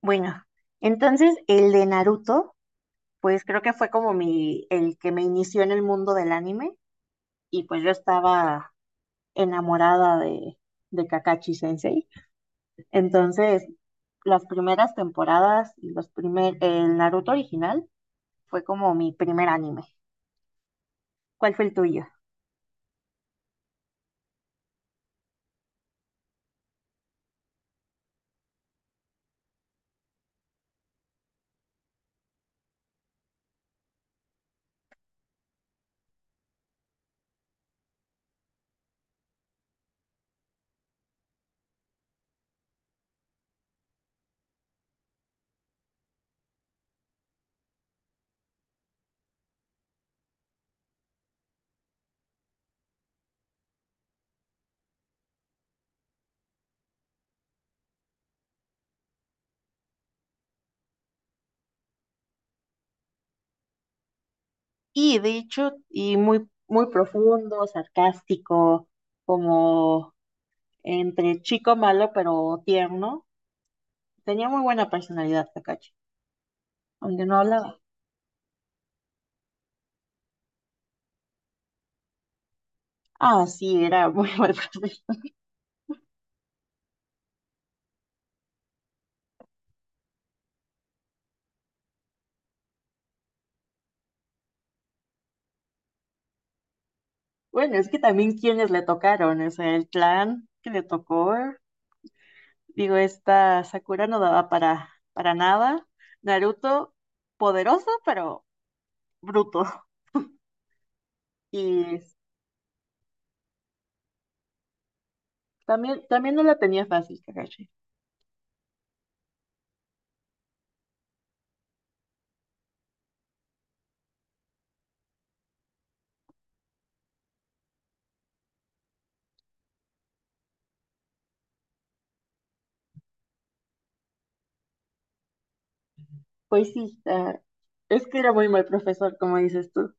Bueno, entonces el de Naruto, pues creo que fue el que me inició en el mundo del anime, y pues yo estaba enamorada de Kakashi Sensei. Entonces, las primeras temporadas y el Naruto original fue como mi primer anime. ¿Cuál fue el tuyo? Y de hecho, muy, muy profundo, sarcástico, como entre chico malo pero tierno. Tenía muy buena personalidad Kakashi, aunque no hablaba. Ah, sí, era muy mal profe. Bueno, es que también quienes le tocaron, o sea, el clan que le tocó, digo, esta Sakura no daba para nada. Naruto, poderoso, pero bruto. Y también no la tenía fácil, Kakashi. Pues sí, es que era muy mal profesor, como dices tú.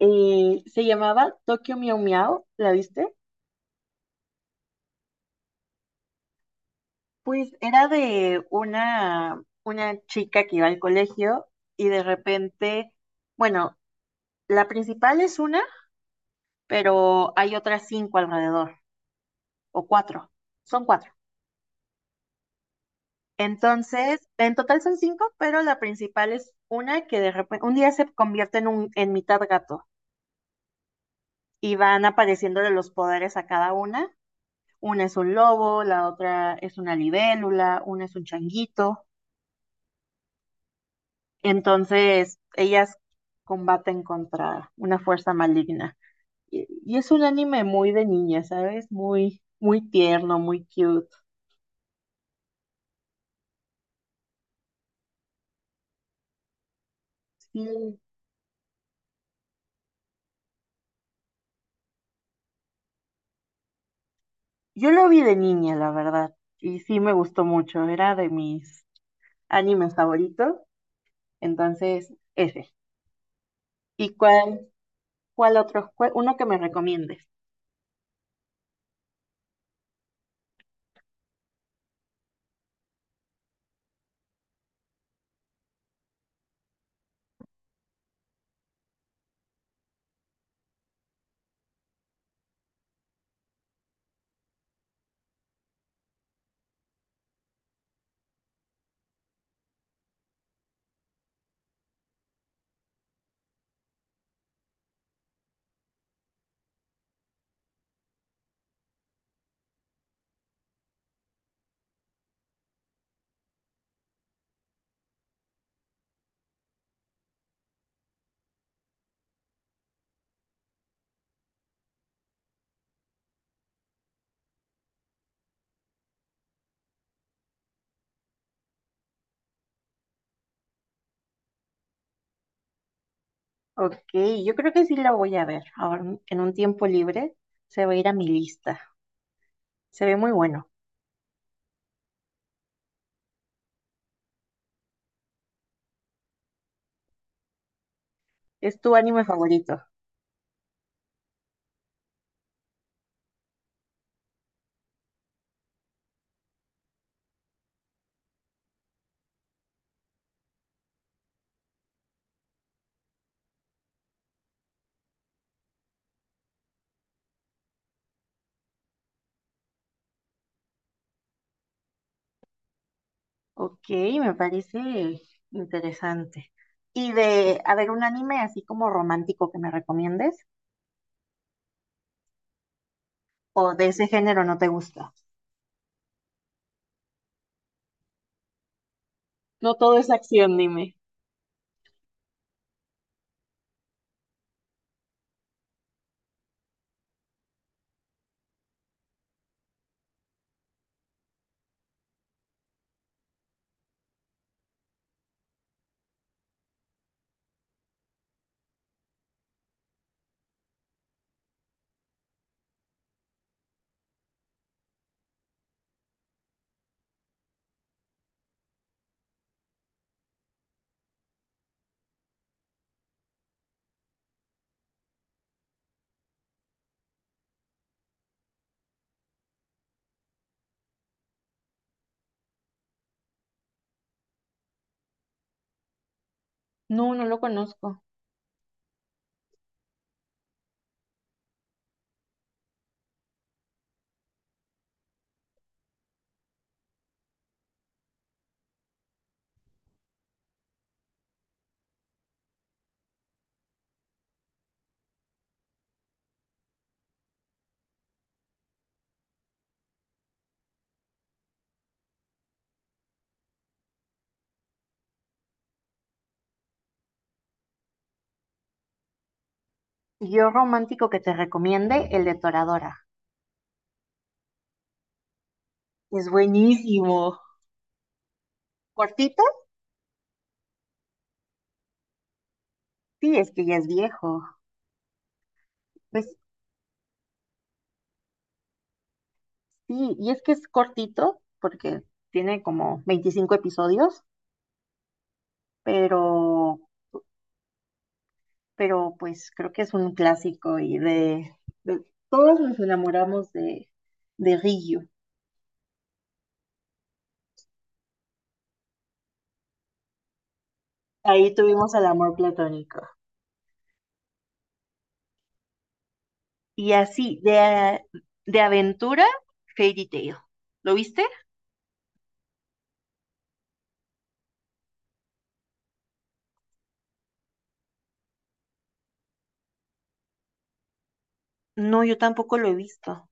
Se llamaba Tokyo Miau Miau, ¿la viste? Pues era de una chica que iba al colegio y de repente, bueno, la principal es una, pero hay otras cinco alrededor, o cuatro, son cuatro. Entonces, en total son cinco, pero la principal es una que de repente, un día se convierte en mitad gato y van apareciéndole los poderes a cada una. Una es un lobo, la otra es una libélula, una es un changuito. Entonces, ellas combaten contra una fuerza maligna. Y es un anime muy de niña, ¿sabes? Muy, muy tierno, muy cute. Sí, yo lo vi de niña, la verdad, y sí me gustó mucho, era de mis animes favoritos, entonces ese. ¿Y cuál otro? Uno que me recomiendes. Ok, yo creo que sí lo voy a ver. Ahora, en un tiempo libre, se va a ir a mi lista. Se ve muy bueno. ¿Es tu anime favorito? Ok, me parece interesante. ¿Y a ver, un anime así como romántico que me recomiendes? ¿O de ese género no te gusta? No todo es acción, dime. No, no lo conozco. Yo romántico que te recomiende, el de Toradora. Es buenísimo. ¿Cortito? Sí, es que ya es viejo. Pues sí, y es que es cortito porque tiene como 25 episodios, pero, pero pues creo que es un clásico y todos nos enamoramos de Ryu. Ahí tuvimos el amor platónico. Y así, de aventura, Fairy Tail. ¿Lo viste? No, yo tampoco lo he visto.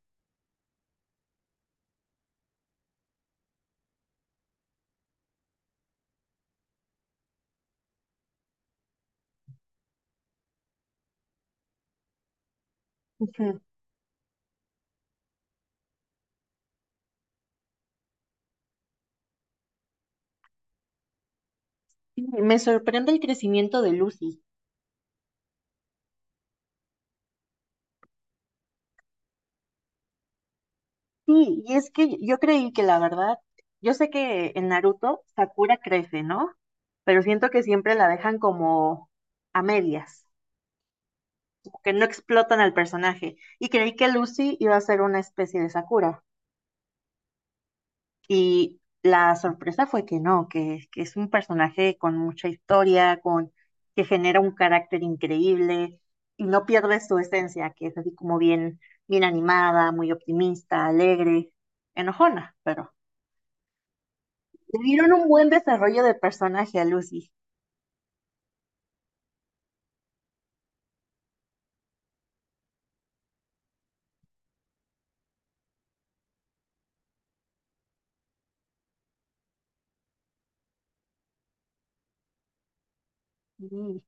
Ujú. Sí, me sorprende el crecimiento de Lucy. Sí, y es que yo creí que la verdad, yo sé que en Naruto Sakura crece, ¿no? Pero siento que siempre la dejan como a medias, como que no explotan al personaje. Y creí que Lucy iba a ser una especie de Sakura. Y la sorpresa fue que no, que es un personaje con mucha historia, que genera un carácter increíble y no pierde su esencia, que es así como bien, bien animada, muy optimista, alegre, enojona, pero le dieron un buen desarrollo de personaje a Lucy. Y,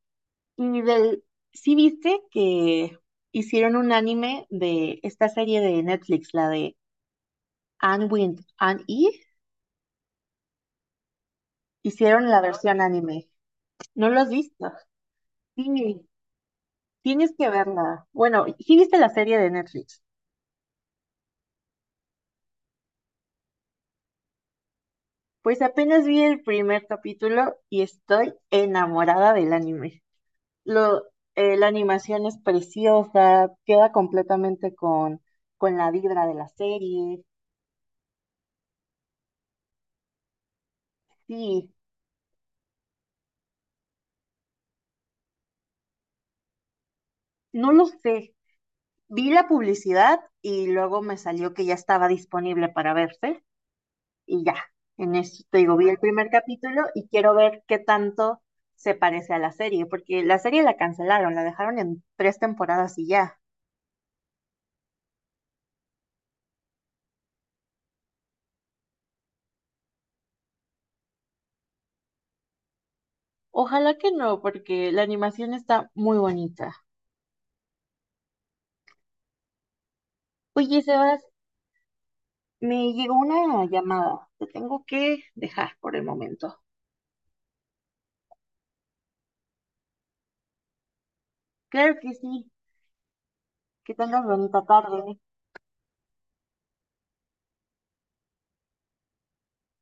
y sí viste que hicieron un anime de esta serie de Netflix, la de Anne Wind, Anne E, hicieron la versión anime. ¿No lo has visto? Sí. Tienes que verla. Bueno, ¿sí viste la serie de Netflix? Pues apenas vi el primer capítulo y estoy enamorada del anime. Lo, la animación es preciosa, queda completamente con la vibra de la serie. Sí, no lo sé. Vi la publicidad y luego me salió que ya estaba disponible para verse, y ya, en eso te digo, vi el primer capítulo y quiero ver qué tanto se parece a la serie, porque la serie la cancelaron, la dejaron en tres temporadas y ya. Ojalá que no, porque la animación está muy bonita. Oye, Sebas, me llegó una llamada, te tengo que dejar por el momento. Claro que sí, que tengas bonita tarde.